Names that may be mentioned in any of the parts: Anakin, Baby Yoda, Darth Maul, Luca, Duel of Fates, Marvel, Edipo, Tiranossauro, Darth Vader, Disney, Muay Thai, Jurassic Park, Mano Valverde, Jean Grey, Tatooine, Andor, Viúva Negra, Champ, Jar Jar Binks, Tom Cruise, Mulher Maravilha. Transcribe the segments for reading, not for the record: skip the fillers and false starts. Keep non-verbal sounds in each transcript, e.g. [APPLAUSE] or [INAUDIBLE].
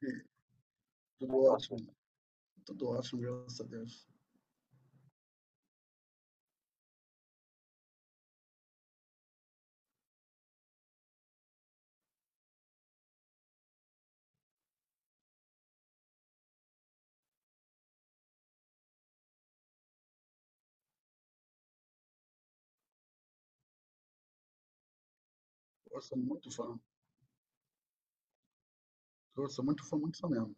E tudo ótimo, tudo ótimo, graças a Deus. Eu sou muito fã. Eu sou muito fã mesmo.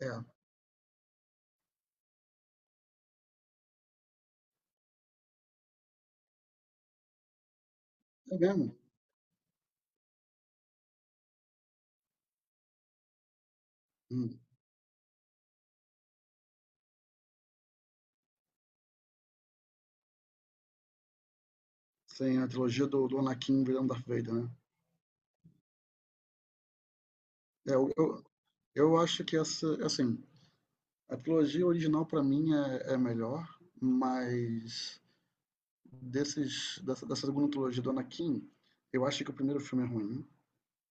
É, é mesmo. Hum. Sim, a trilogia do Anakin virando Darth Vader, né? É, eu, eu, eu acho que essa, assim, a trilogia original pra mim é melhor, mas dessa segunda trilogia do Anakin, eu acho que o primeiro filme é ruim,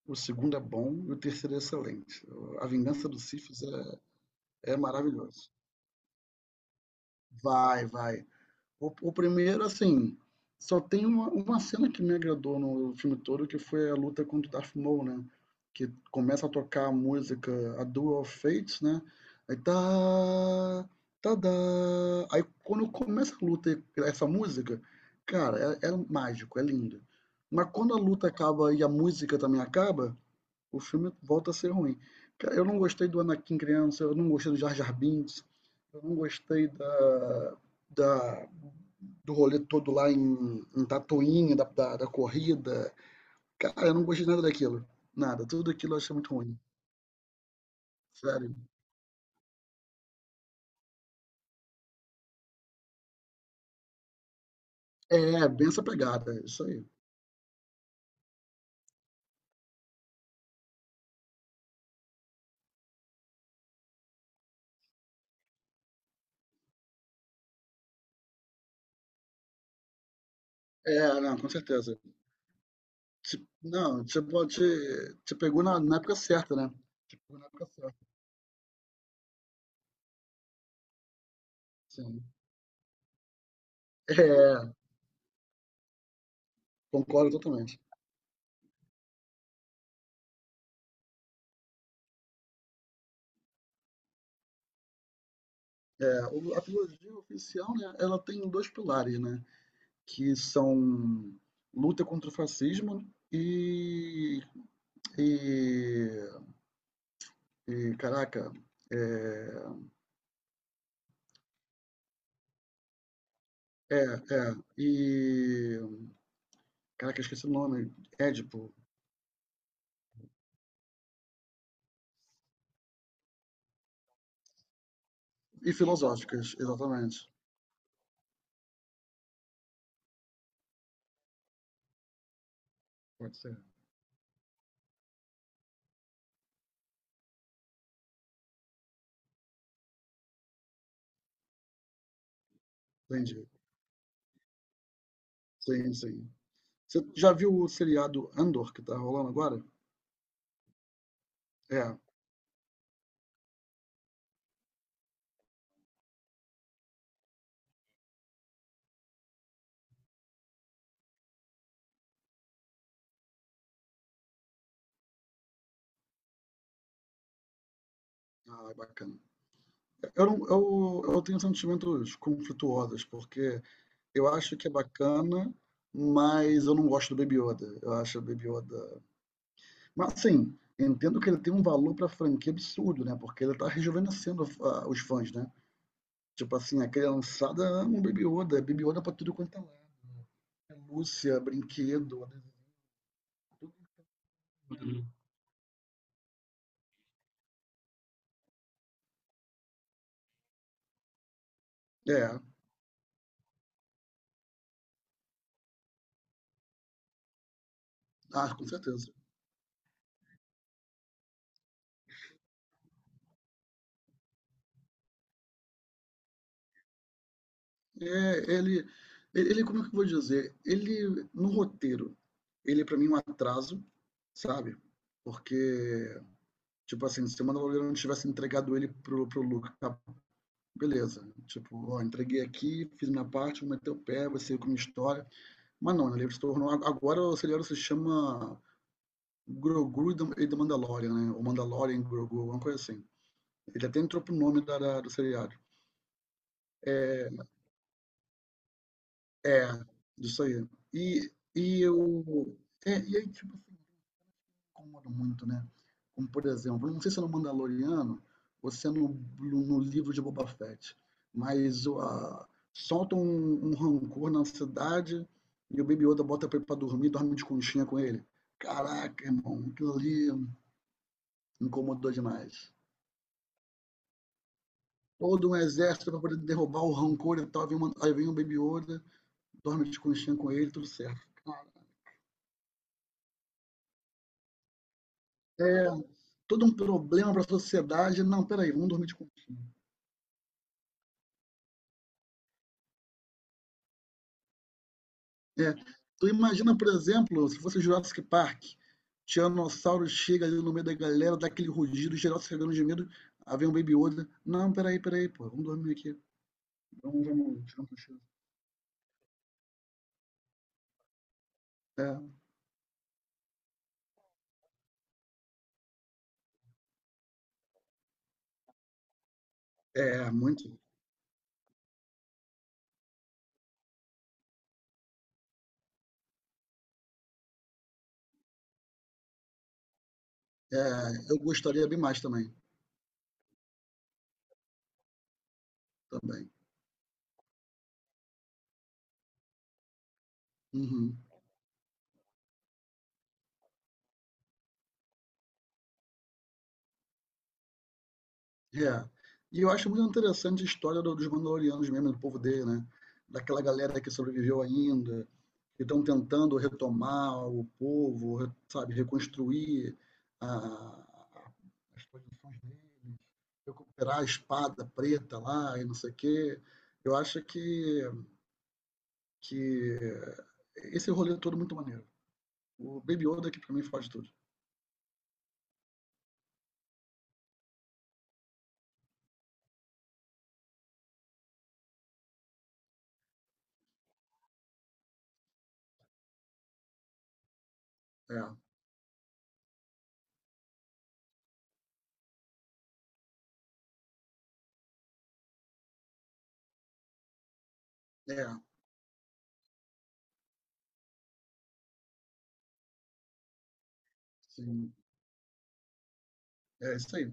o segundo é bom e o terceiro é excelente. A Vingança dos Sith é maravilhoso. Vai. O primeiro, assim, só tem uma cena que me agradou no filme todo, que foi a luta contra o Darth Maul, né? Que começa a tocar a música, a Duel of Fates, né? Aí tá. Tadá. Aí quando começa a luta, e essa música, cara, é mágico, é lindo. Mas quando a luta acaba e a música também acaba, o filme volta a ser ruim. Eu não gostei do Anakin criança, eu não gostei do Jar Jar Binks, eu não gostei da- do rolê todo lá em, em Tatooine, da corrida. Cara, eu não gostei nada daquilo. Nada, tudo aquilo eu achei muito ruim. Sério. É, bem essa pegada, é isso aí. É, não, com certeza. Não, você pode. Te pegou na época certa, né? Te pegou na época certa, sim. É, concordo totalmente. É, a trilogia oficial, né, ela tem dois pilares, né, que são luta contra o fascismo e, e, e, caraca, é, é, é, e, caraca, esqueci o nome, Édipo, e filosóficas, exatamente, pode ser, entendi, sim, sim. Você já viu o seriado Andor que tá rolando agora? É, ah, é bacana. Eu, não- eu tenho sentimentos conflituosos, porque eu acho que é bacana, mas eu não gosto do Baby Yoda. Eu acho o Baby Yoda. Mas assim, entendo que ele tem um valor pra franquia absurdo, né? Porque ele tá rejuvenescendo os fãs, né? Tipo assim, a criançada ama o Baby Yoda, é Baby Yoda pra tudo quanto é lado. É Lúcia, brinquedo, tudo. Uhum. É, ah, com certeza. É, ele, como é que eu vou dizer? Ele, no roteiro, ele é pra mim um atraso, sabe? Porque tipo assim, se o Mano Valverde não tivesse entregado ele pro Luca, tá, beleza. Tipo, ó, entreguei aqui, fiz minha parte, vou meter o pé, vai ser com minha história. Mas não, né, ele se tornou. Agora o Serial se chama Grogu e The Mandalorian, né? Ou Mandalorian Grogu, alguma coisa assim. Ele até entrou pro nome da do seriado. É, isso aí. E eu. É, e aí, tipo, incomodam muito, né? Como, por exemplo, não sei se é no Mandaloriano ou se é no, no livro de Boba Fett, mas solta um rancor na cidade e o Baby Yoda bota pra ele pra dormir, dorme de conchinha com ele. Caraca, irmão, aquilo ali incomodou demais. Todo um exército pra poder derrubar o rancor e tal, vem uma, aí vem o Baby Yoda, dorme de conchinha com ele, tudo certo. É todo um problema pra sociedade. Não, peraí, vamos dormir de conchinha. É. Tu imagina, por exemplo, se fosse Jurassic Park, Tiranossauro chega ali no meio da galera, dá aquele rugido, geral se cagando de medo, aí vem um Baby Yoda. Não, peraí, peraí, pô, vamos dormir aqui. Vamos, tirar um cochilo. É, muito. É, eu gostaria bem mais também. Também. Uhum. É. E eu acho muito interessante a história dos Mandalorianos mesmo, do povo dele, né? Daquela galera que sobreviveu ainda, que estão tentando retomar o povo, sabe, reconstruir a, as posições deles, recuperar a espada preta lá e não sei o quê. Eu acho que esse rolê é todo muito maneiro. O Baby Yoda que para mim faz tudo. É, é, sim, é isso aí.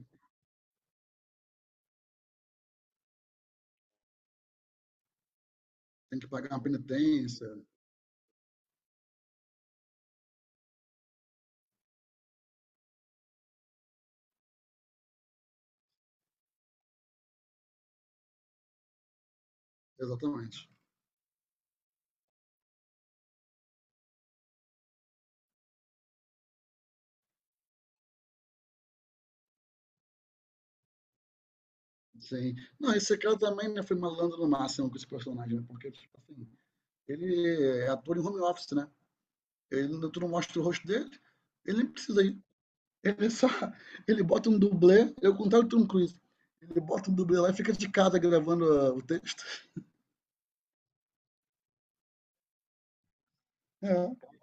Tem que pagar uma penitência, exatamente. Sim. Não, esse cara também né, foi malandro no máximo com esse personagem, né? Porque, tipo assim, ele é ator em home office, né? Ele, tu não mostra o rosto dele, ele nem precisa ir. Ele só. [LAUGHS] Ele bota um dublê, é o contrário do Tom Cruise. Ele bota um dublê lá e fica de casa gravando o texto. É.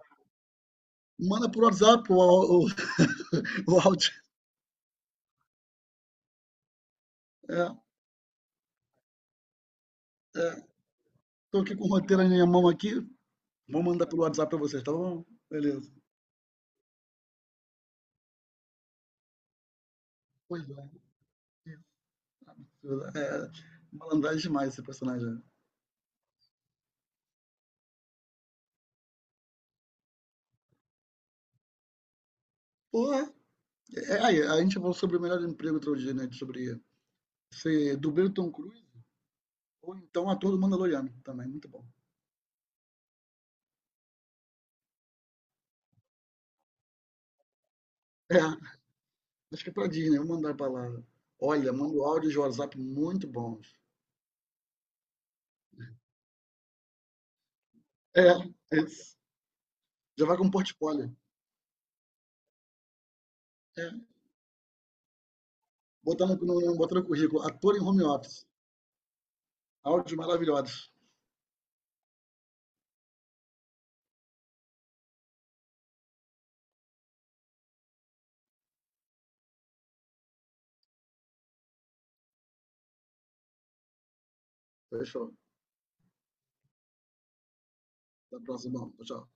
Manda por WhatsApp [LAUGHS] o áudio. É, é. Tô aqui com o roteiro na minha mão aqui. Vou mandar pelo WhatsApp pra vocês, tá bom? Beleza. Pois é. É, malandragem demais esse personagem. Porra. É, aí, a gente falou sobre o melhor emprego outro dia, né? Sobre ser dublê do Tom Cruise ou então ator do Mandaloriano também, muito bom. É, acho que é pra Disney, eu vou mandar pra lá. Olha, mando áudios de WhatsApp muito bons. É, é isso. Já vai com um portfólio. É. Botar botar no currículo, ator em home office. Áudios maravilhosos. Fechou. Até a próxima. Tchau, tchau.